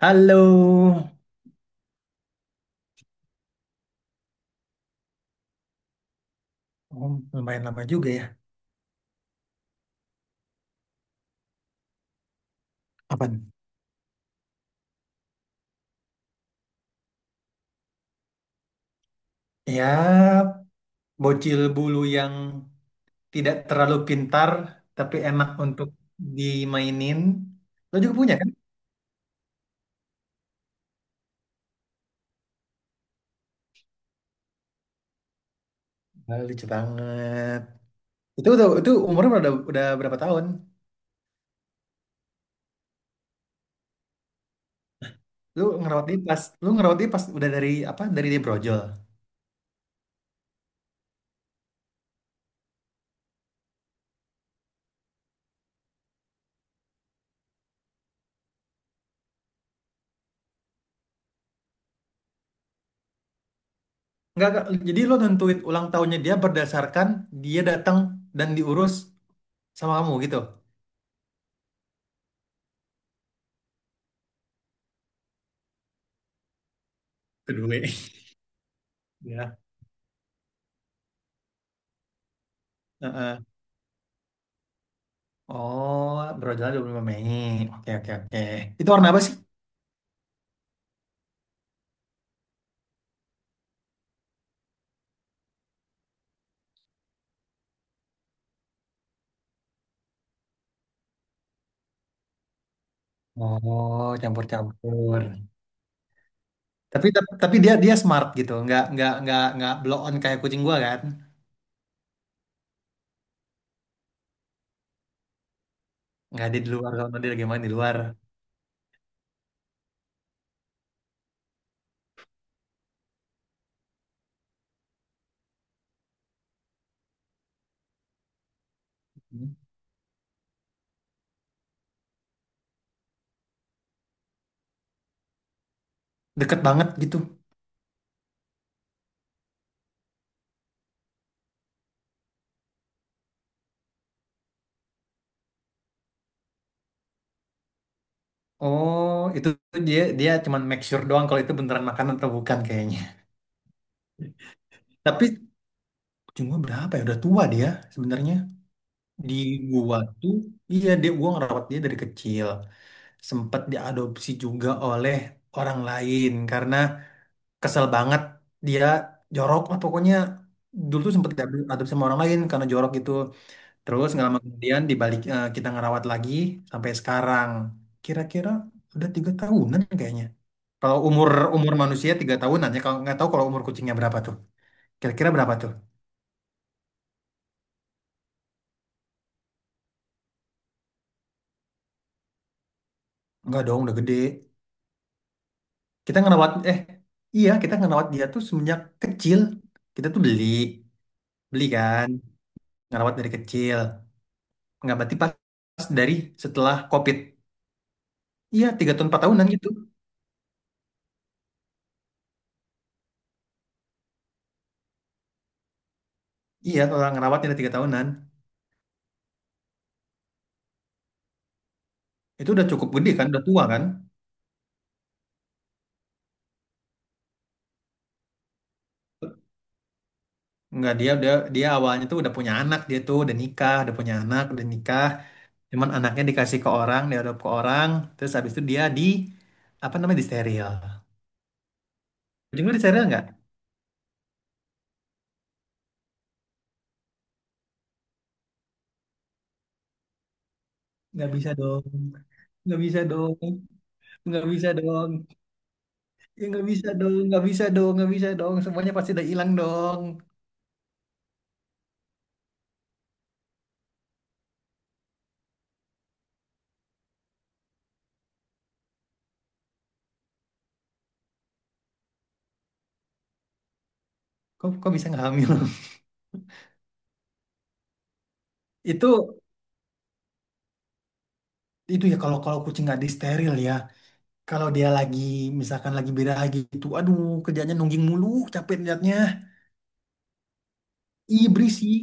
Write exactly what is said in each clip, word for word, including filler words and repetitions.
Halo. Oh, lumayan lama juga ya. Apaan? Ya, bocil bulu yang tidak terlalu pintar, tapi enak untuk dimainin. Lo juga punya kan? Ah, lucu banget. Itu udah, itu umurnya udah, udah berapa tahun? Lu ngerawat dia pas, lu ngerawat dia pas udah dari apa? Dari dia brojol. Enggak, enggak. Jadi lo nentuin ulang tahunnya dia berdasarkan dia datang dan diurus sama kamu gitu. Kedua. Ya. Heeh. Oh, berjalan dua puluh lima Mei. Oke, oke, oke. Itu warna apa sih? Oh, campur-campur. Tapi tapi dia dia smart gitu. Nggak nggak nggak nggak blow on kayak kucing gua kan. Nggak ada di luar kalau dia lagi main di luar. Deket banget gitu. Oh, itu tuh dia dia cuman make sure doang kalau itu beneran makanan atau bukan kayaknya. Tapi kucing gua berapa ya? Udah tua dia sebenarnya. Di gua tuh iya dia gua ngerawat dia dari kecil. Sempet diadopsi juga oleh orang lain karena kesel banget dia jorok lah pokoknya dulu tuh sempet diadu- adu sama orang lain karena jorok gitu, terus nggak lama kemudian dibalik eh, kita ngerawat lagi sampai sekarang kira-kira udah tiga tahunan kayaknya kalau umur umur manusia tiga tahunan ya kalau nggak tahu kalau umur kucingnya berapa tuh kira-kira berapa tuh nggak dong udah gede kita ngerawat eh iya kita ngerawat dia tuh semenjak kecil kita tuh beli beli kan ngerawat dari kecil nggak berarti pas pas dari setelah COVID. Iya, tiga tahun empat tahunan gitu. Iya, kalau ngerawatnya udah tiga tahunan. Itu udah cukup gede kan, udah tua kan? Enggak, dia udah dia awalnya tuh udah punya anak, dia tuh udah nikah, udah punya anak, udah nikah. Cuman anaknya dikasih ke orang, diadop ke orang, terus habis itu dia di apa namanya di steril. Kucing lu di steril nggak? Nggak bisa dong, nggak bisa dong, nggak bisa dong, ya nggak bisa dong, nggak bisa dong, nggak bisa dong. Semuanya pasti udah hilang dong. Kok kok bisa nggak hamil? Itu itu ya kalau kalau kucing nggak di steril ya. Kalau dia lagi, misalkan lagi biraha gitu, aduh kerjanya nungging mulu, capek liatnya. Ih berisik.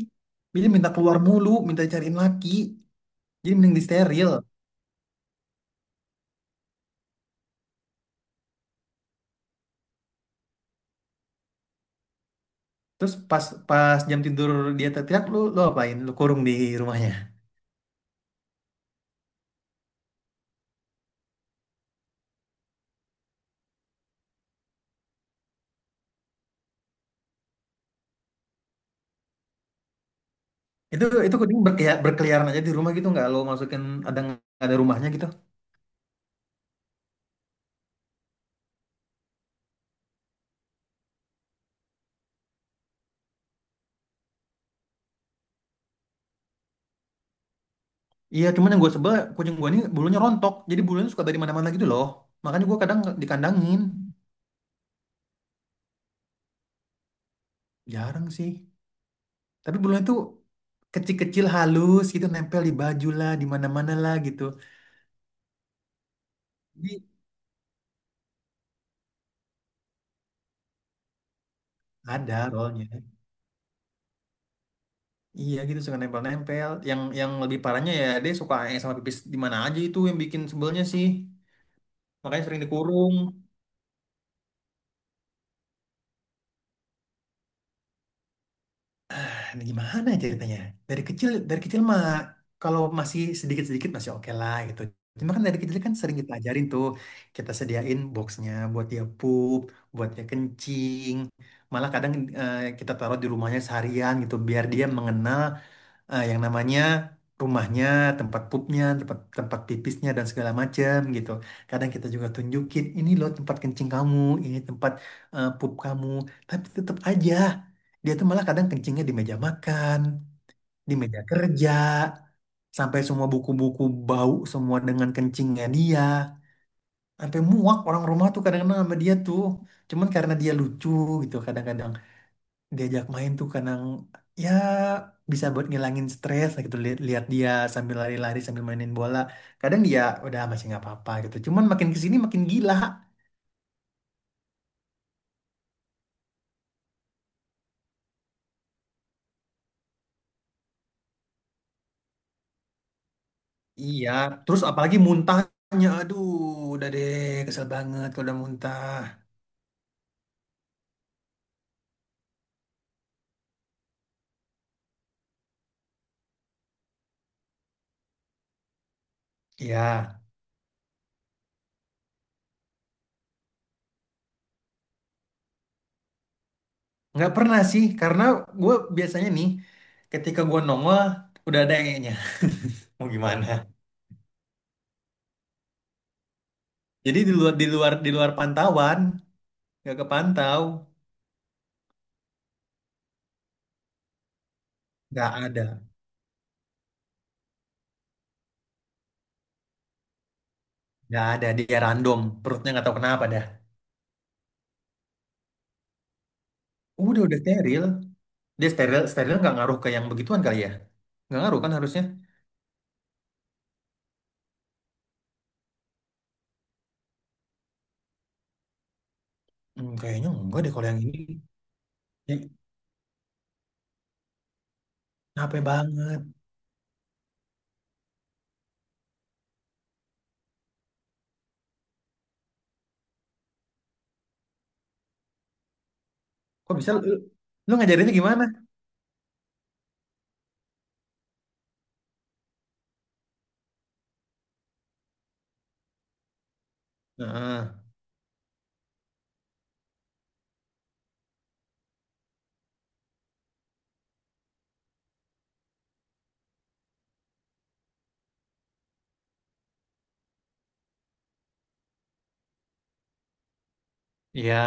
Jadi minta keluar mulu, minta cariin laki. Jadi mending di steril. Terus pas pas jam tidur dia teriak, lu lu apain? Lu kurung di rumahnya. Itu itu kucing berkelia- berkeliaran aja di rumah gitu nggak lo masukin ada ada rumahnya gitu. Iya, cuman yang gue sebel kucing gue ini bulunya rontok. Jadi bulunya suka dari mana-mana gitu loh. Makanya gue kadang dikandangin. Jarang sih. Tapi bulunya tuh kecil-kecil halus gitu nempel di baju lah, di mana-mana lah gitu. Jadi ada rollnya. Iya gitu suka nempel-nempel. Yang yang lebih parahnya ya dia suka aeng sama pipis di mana aja itu yang bikin sebelnya sih. Makanya sering dikurung. Nah, gimana ceritanya? Dari kecil, dari kecil mah kalau masih sedikit-sedikit masih oke lah gitu. Cuma kan dari kecil kan sering kita ajarin tuh, kita sediain boxnya buat dia pup, buat dia kencing. Malah kadang eh, kita taruh di rumahnya seharian gitu, biar dia mengenal eh, yang namanya rumahnya, tempat pupnya, tempat tempat pipisnya dan segala macam gitu. Kadang kita juga tunjukin ini loh tempat kencing kamu, ini tempat eh, pup kamu, tapi tetap aja dia tuh malah kadang kencingnya di meja makan, di meja kerja, sampai semua buku-buku bau semua dengan kencingnya dia. Sampai muak orang rumah tuh kadang-kadang sama dia tuh. Cuman karena dia lucu gitu kadang-kadang diajak main tuh kadang ya bisa buat ngilangin stres lah gitu lihat lihat dia sambil lari-lari sambil mainin bola kadang dia udah masih nggak apa-apa gitu cuman makin kesini makin gila. Iya, terus apalagi muntahnya aduh udah deh kesel banget kalau udah muntah. Iya, nggak pernah sih karena gue biasanya nih ketika gue nongol udah ada nya. Mau gimana jadi di luar di luar di luar pantauan nggak kepantau nggak ada. Nggak ada dia random perutnya nggak tahu kenapa dah. Udah udah steril. Dia steril steril nggak ngaruh ke yang begituan kali ya? Nggak ngaruh kan harusnya? Hmm, kayaknya enggak deh kalau yang ini. Ya, capek banget. Kok bisa lu, lu ngajarinnya gimana? Heeh. Iya.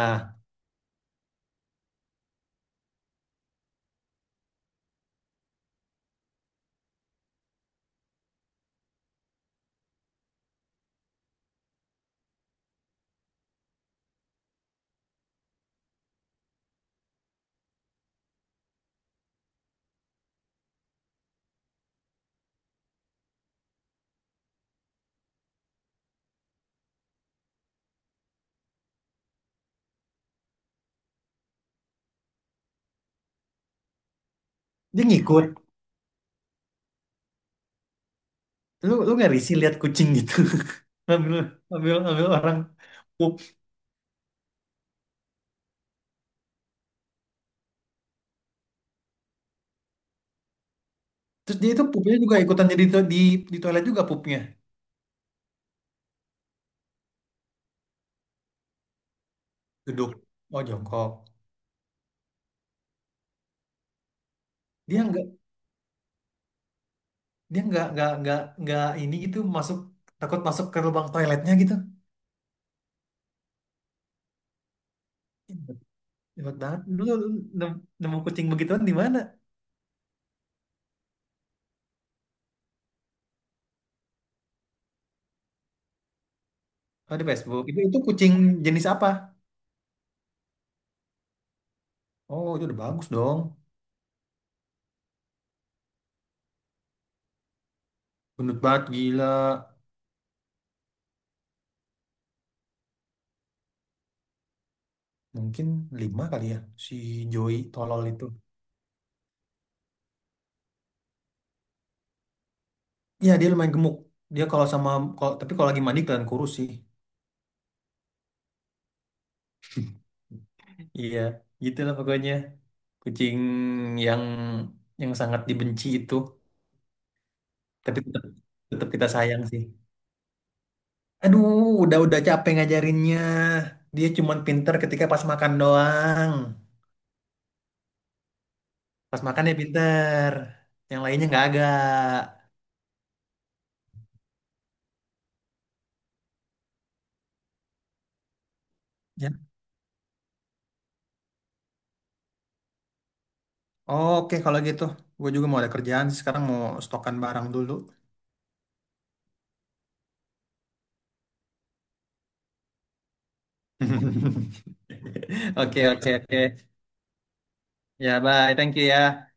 Dia ngikut. Lu lu nggak risih lihat kucing gitu. Ambil ambil ambil orang pup. Terus dia itu pupnya juga ikutan jadi to- di di toilet juga pupnya. Duduk. Oh jongkok. Dia nggak dia nggak nggak nggak nggak ini gitu masuk takut masuk ke lubang toiletnya gitu. Cepet banget. Dulu nem- nemu kucing begituan di mana? Oh, di Facebook. Itu itu kucing jenis apa? Oh, itu udah bagus dong. Gendut banget gila. Mungkin lima kali ya si Joey tolol itu. Iya, dia lumayan gemuk. Dia kalau sama kalau tapi kalau lagi mandi kelihatan kurus sih. Iya, gitulah pokoknya. Kucing yang yang sangat dibenci itu, tapi tetap tetap kita sayang sih. Aduh, udah-udah capek ngajarinnya. Dia cuman pinter ketika pas makan doang. Pas makan ya pinter. Yang lainnya nggak agak. Ya. Oke, kalau gitu. Gue juga mau ada kerjaan sih. Sekarang mau stokan barang dulu. Oke, oke, oke. Ya, bye. Thank you ya.